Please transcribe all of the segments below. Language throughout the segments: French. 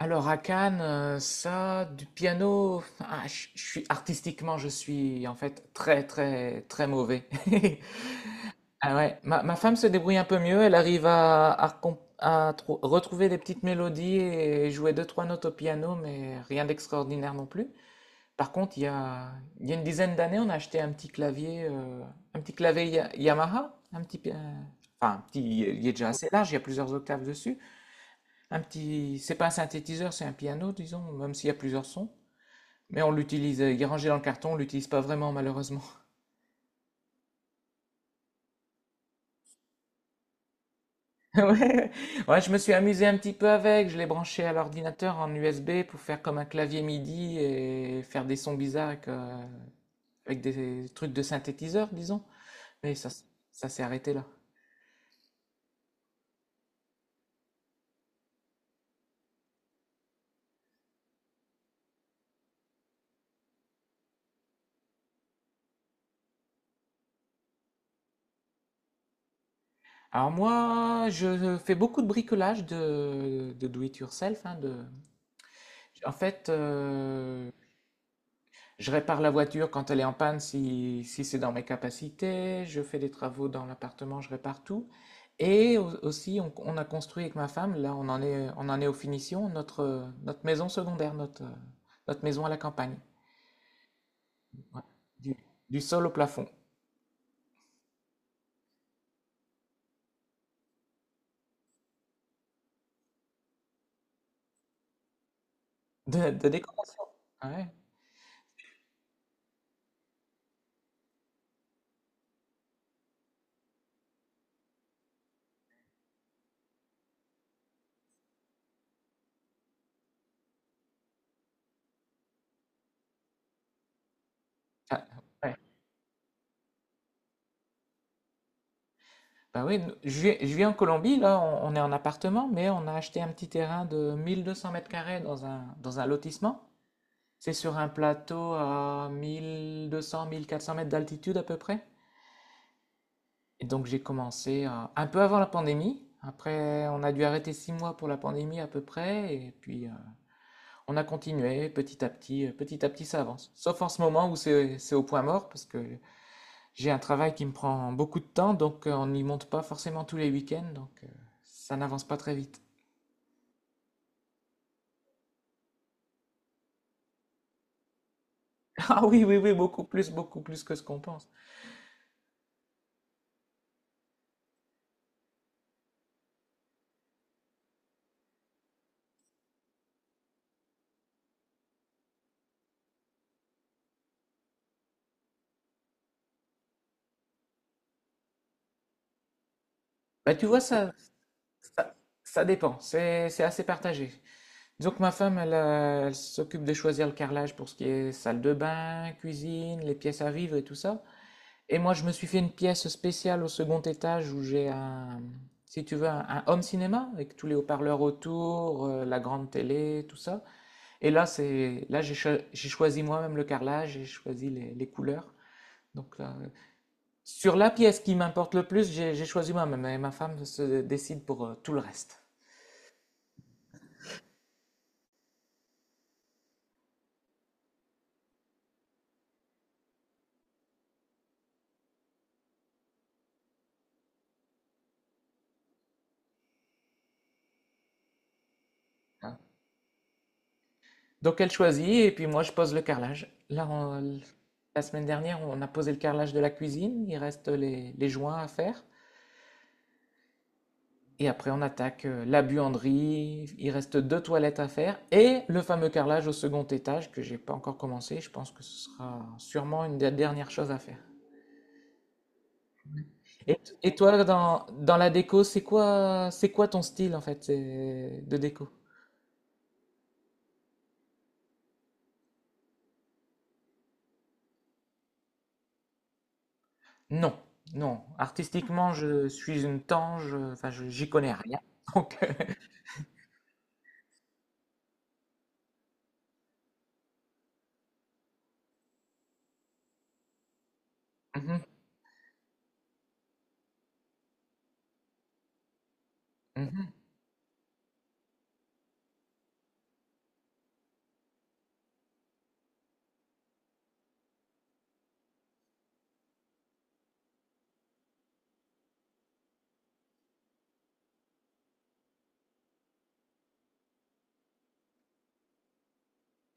Alors à Cannes, ça, du piano, ah, je suis artistiquement, je suis en fait très très très mauvais. Ah ouais, ma femme se débrouille un peu mieux, elle arrive à retrouver des petites mélodies et jouer deux trois notes au piano, mais rien d'extraordinaire non plus. Par contre, il y a une dizaine d'années, on a acheté un petit clavier Yamaha, enfin un petit, il est déjà assez large, il y a plusieurs octaves dessus. Un petit, c'est pas un synthétiseur, c'est un piano, disons, même s'il y a plusieurs sons. Mais on l'utilise, il est rangé dans le carton, on l'utilise pas vraiment malheureusement. Ouais. Ouais, je me suis amusé un petit peu avec, je l'ai branché à l'ordinateur en USB pour faire comme un clavier MIDI et faire des sons bizarres avec, avec des trucs de synthétiseur, disons. Mais ça, s- Ça s'est arrêté là. Alors moi, je fais beaucoup de bricolage de do it yourself, hein, de... En fait, je répare la voiture quand elle est en panne si, si c'est dans mes capacités. Je fais des travaux dans l'appartement, je répare tout. Et aussi, on a construit avec ma femme, là on en est aux finitions, notre maison secondaire, notre maison à la campagne. Ouais. Du, du sol au plafond. De décoration. Ah ouais. Ah, ouais. Bah oui, je vis en Colombie, là on est en appartement, mais on a acheté un petit terrain de 1200 mètres carrés dans un lotissement. C'est sur un plateau à mille deux cents, mille quatre cents mètres d'altitude à peu près. Et donc j'ai commencé un peu avant la pandémie. Après, on a dû arrêter six mois pour la pandémie à peu près. Et puis on a continué petit à petit. Petit à petit, ça avance. Sauf en ce moment où c'est au point mort parce que j'ai un travail qui me prend beaucoup de temps. Donc on n'y monte pas forcément tous les week-ends. Donc ça n'avance pas très vite. Ah oui, oui, oui, beaucoup plus que ce qu'on pense. Bah, tu vois, Ça, ça dépend, c'est assez partagé. Disons que ma femme, elle, elle s'occupe de choisir le carrelage pour ce qui est salle de bain, cuisine, les pièces à vivre et tout ça. Et moi, je me suis fait une pièce spéciale au second étage où j'ai si tu veux, un home cinéma avec tous les haut-parleurs autour, la grande télé, tout ça. Et là, c'est, là, j'ai cho- j'ai choisi moi-même le carrelage, j'ai choisi les couleurs. Donc là, sur la pièce qui m'importe le plus, j'ai choisi moi-même et ma femme se décide pour tout le reste. Donc elle choisit et puis moi je pose le carrelage. La semaine dernière, on a posé le carrelage de la cuisine, il reste les joints à faire. Et après, on attaque la buanderie, il reste deux toilettes à faire et le fameux carrelage au second étage que j'ai pas encore commencé. Je pense que ce sera sûrement une des dernières choses à faire. Et toi, dans, dans la déco, c'est quoi, c'est quoi ton style de déco? Non, non. Artistiquement, je suis une tange, enfin, j'y connais rien. Donc, mhm. Mmh mh.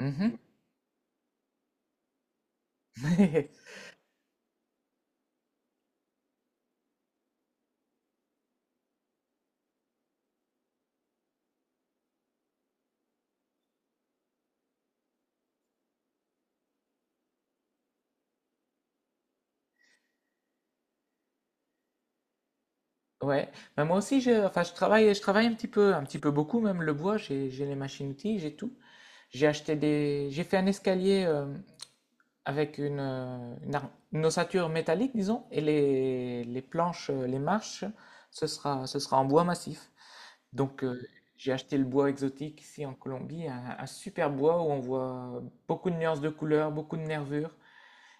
Ouais. Bah, moi aussi je travaille un petit peu beaucoup même le bois, j'ai les machines-outils, j'ai tout. J'ai acheté des J'ai fait un escalier, avec une ossature métallique disons et les planches, les marches, ce sera en bois massif. Donc j'ai acheté le bois exotique ici en Colombie, un super bois où on voit beaucoup de nuances de couleurs, beaucoup de nervures.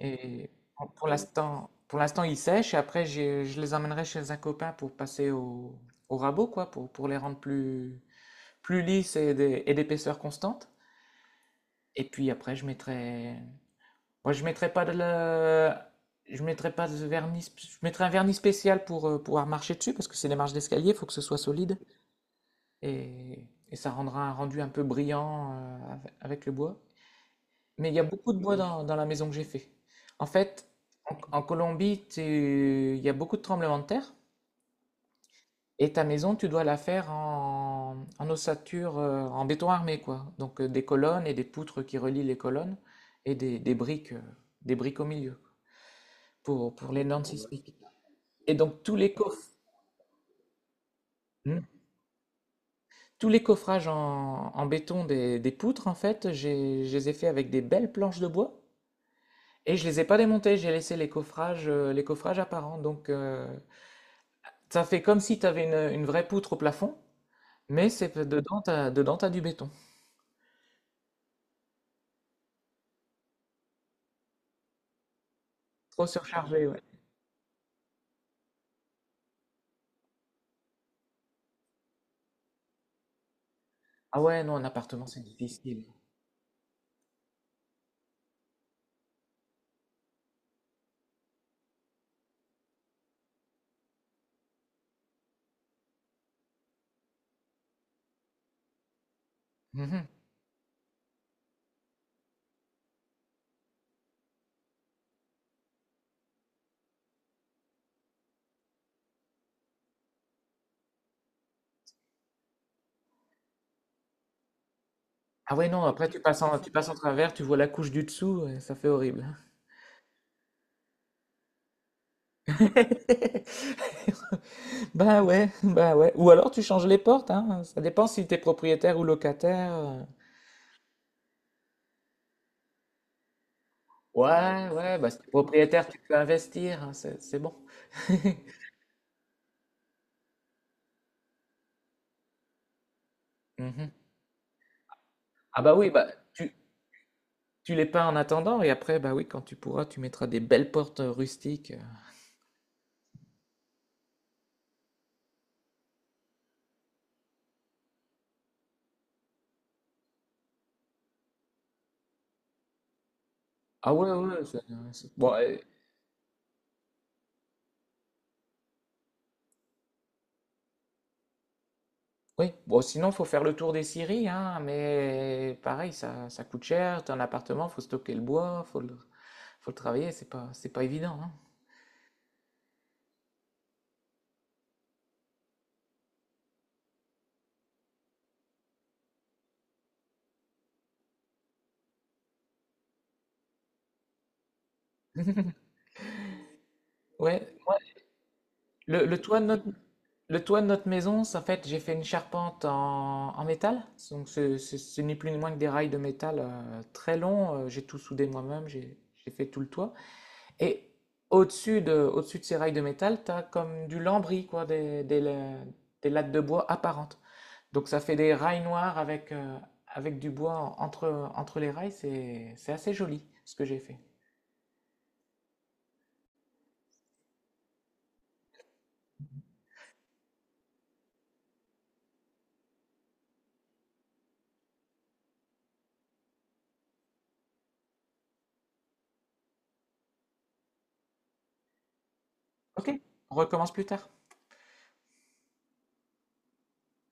Et pour l'instant, ils sèchent. Et après, je les emmènerai chez un copain pour passer au, au rabot, quoi, pour les rendre plus, plus lisses et d'épaisseur constante. Et puis après, je mettrai pas de la, je mettrai pas de vernis, sp- je mettrai un vernis spécial pour pouvoir marcher dessus parce que c'est des marches d'escalier, il faut que ce soit solide et ça rendra un rendu un peu brillant avec le bois. Mais il y a beaucoup de bois dans, dans la maison que j'ai fait. En fait, en, en Colombie, il y a beaucoup de tremblements de terre. Et ta maison, tu dois la faire en, en ossature, en béton armé, quoi. Donc des colonnes et des poutres qui relient les colonnes et des briques au milieu pour les normes sismiques. Et donc tous les coffres, hmm, tous les coffrages en, en béton des poutres, en fait, je les ai fait avec des belles planches de bois. Et je les ai pas démontés, j'ai laissé les coffrages apparents. Donc, ça fait comme si tu avais une vraie poutre au plafond, mais c'est dedans, t'as du béton. Trop surchargé, ouais. Ah ouais, non, un appartement, c'est difficile. Mhm. Ah ouais, non, après, tu passes en travers, tu vois la couche du dessous, ouais, ça fait horrible. Bah ouais, bah ouais. Ou alors, tu changes les portes, hein. Ça dépend si t'es propriétaire ou locataire. Ouais, ouais, bah si t'es propriétaire, tu peux investir, hein, c'est bon. Mhm. Ah bah oui, bah tu, Tu les peins en attendant et après, bah oui, quand tu pourras, tu mettras des belles portes rustiques. Ah ouais, ouais, bon, oui, bon, sinon, faut faire le tour des scieries, hein, mais pareil, ça coûte cher, t'as un appartement, faut stocker le bois, faut le travailler, c'est pas évident, hein. Ouais, ouais, le, le toit de notre, le toit de notre maison, ça, en fait, j'ai fait une charpente en, en métal, donc ce n'est plus ni moins que des rails de métal très longs, j'ai tout soudé moi-même, j'ai fait tout le toit. Et au-dessus de ces rails de métal, tu as comme du lambris, quoi, des lattes de bois apparentes. Donc ça fait des rails noirs avec, avec du bois entre, entre les rails. C'est assez joli ce que j'ai fait. Ok, on recommence plus tard.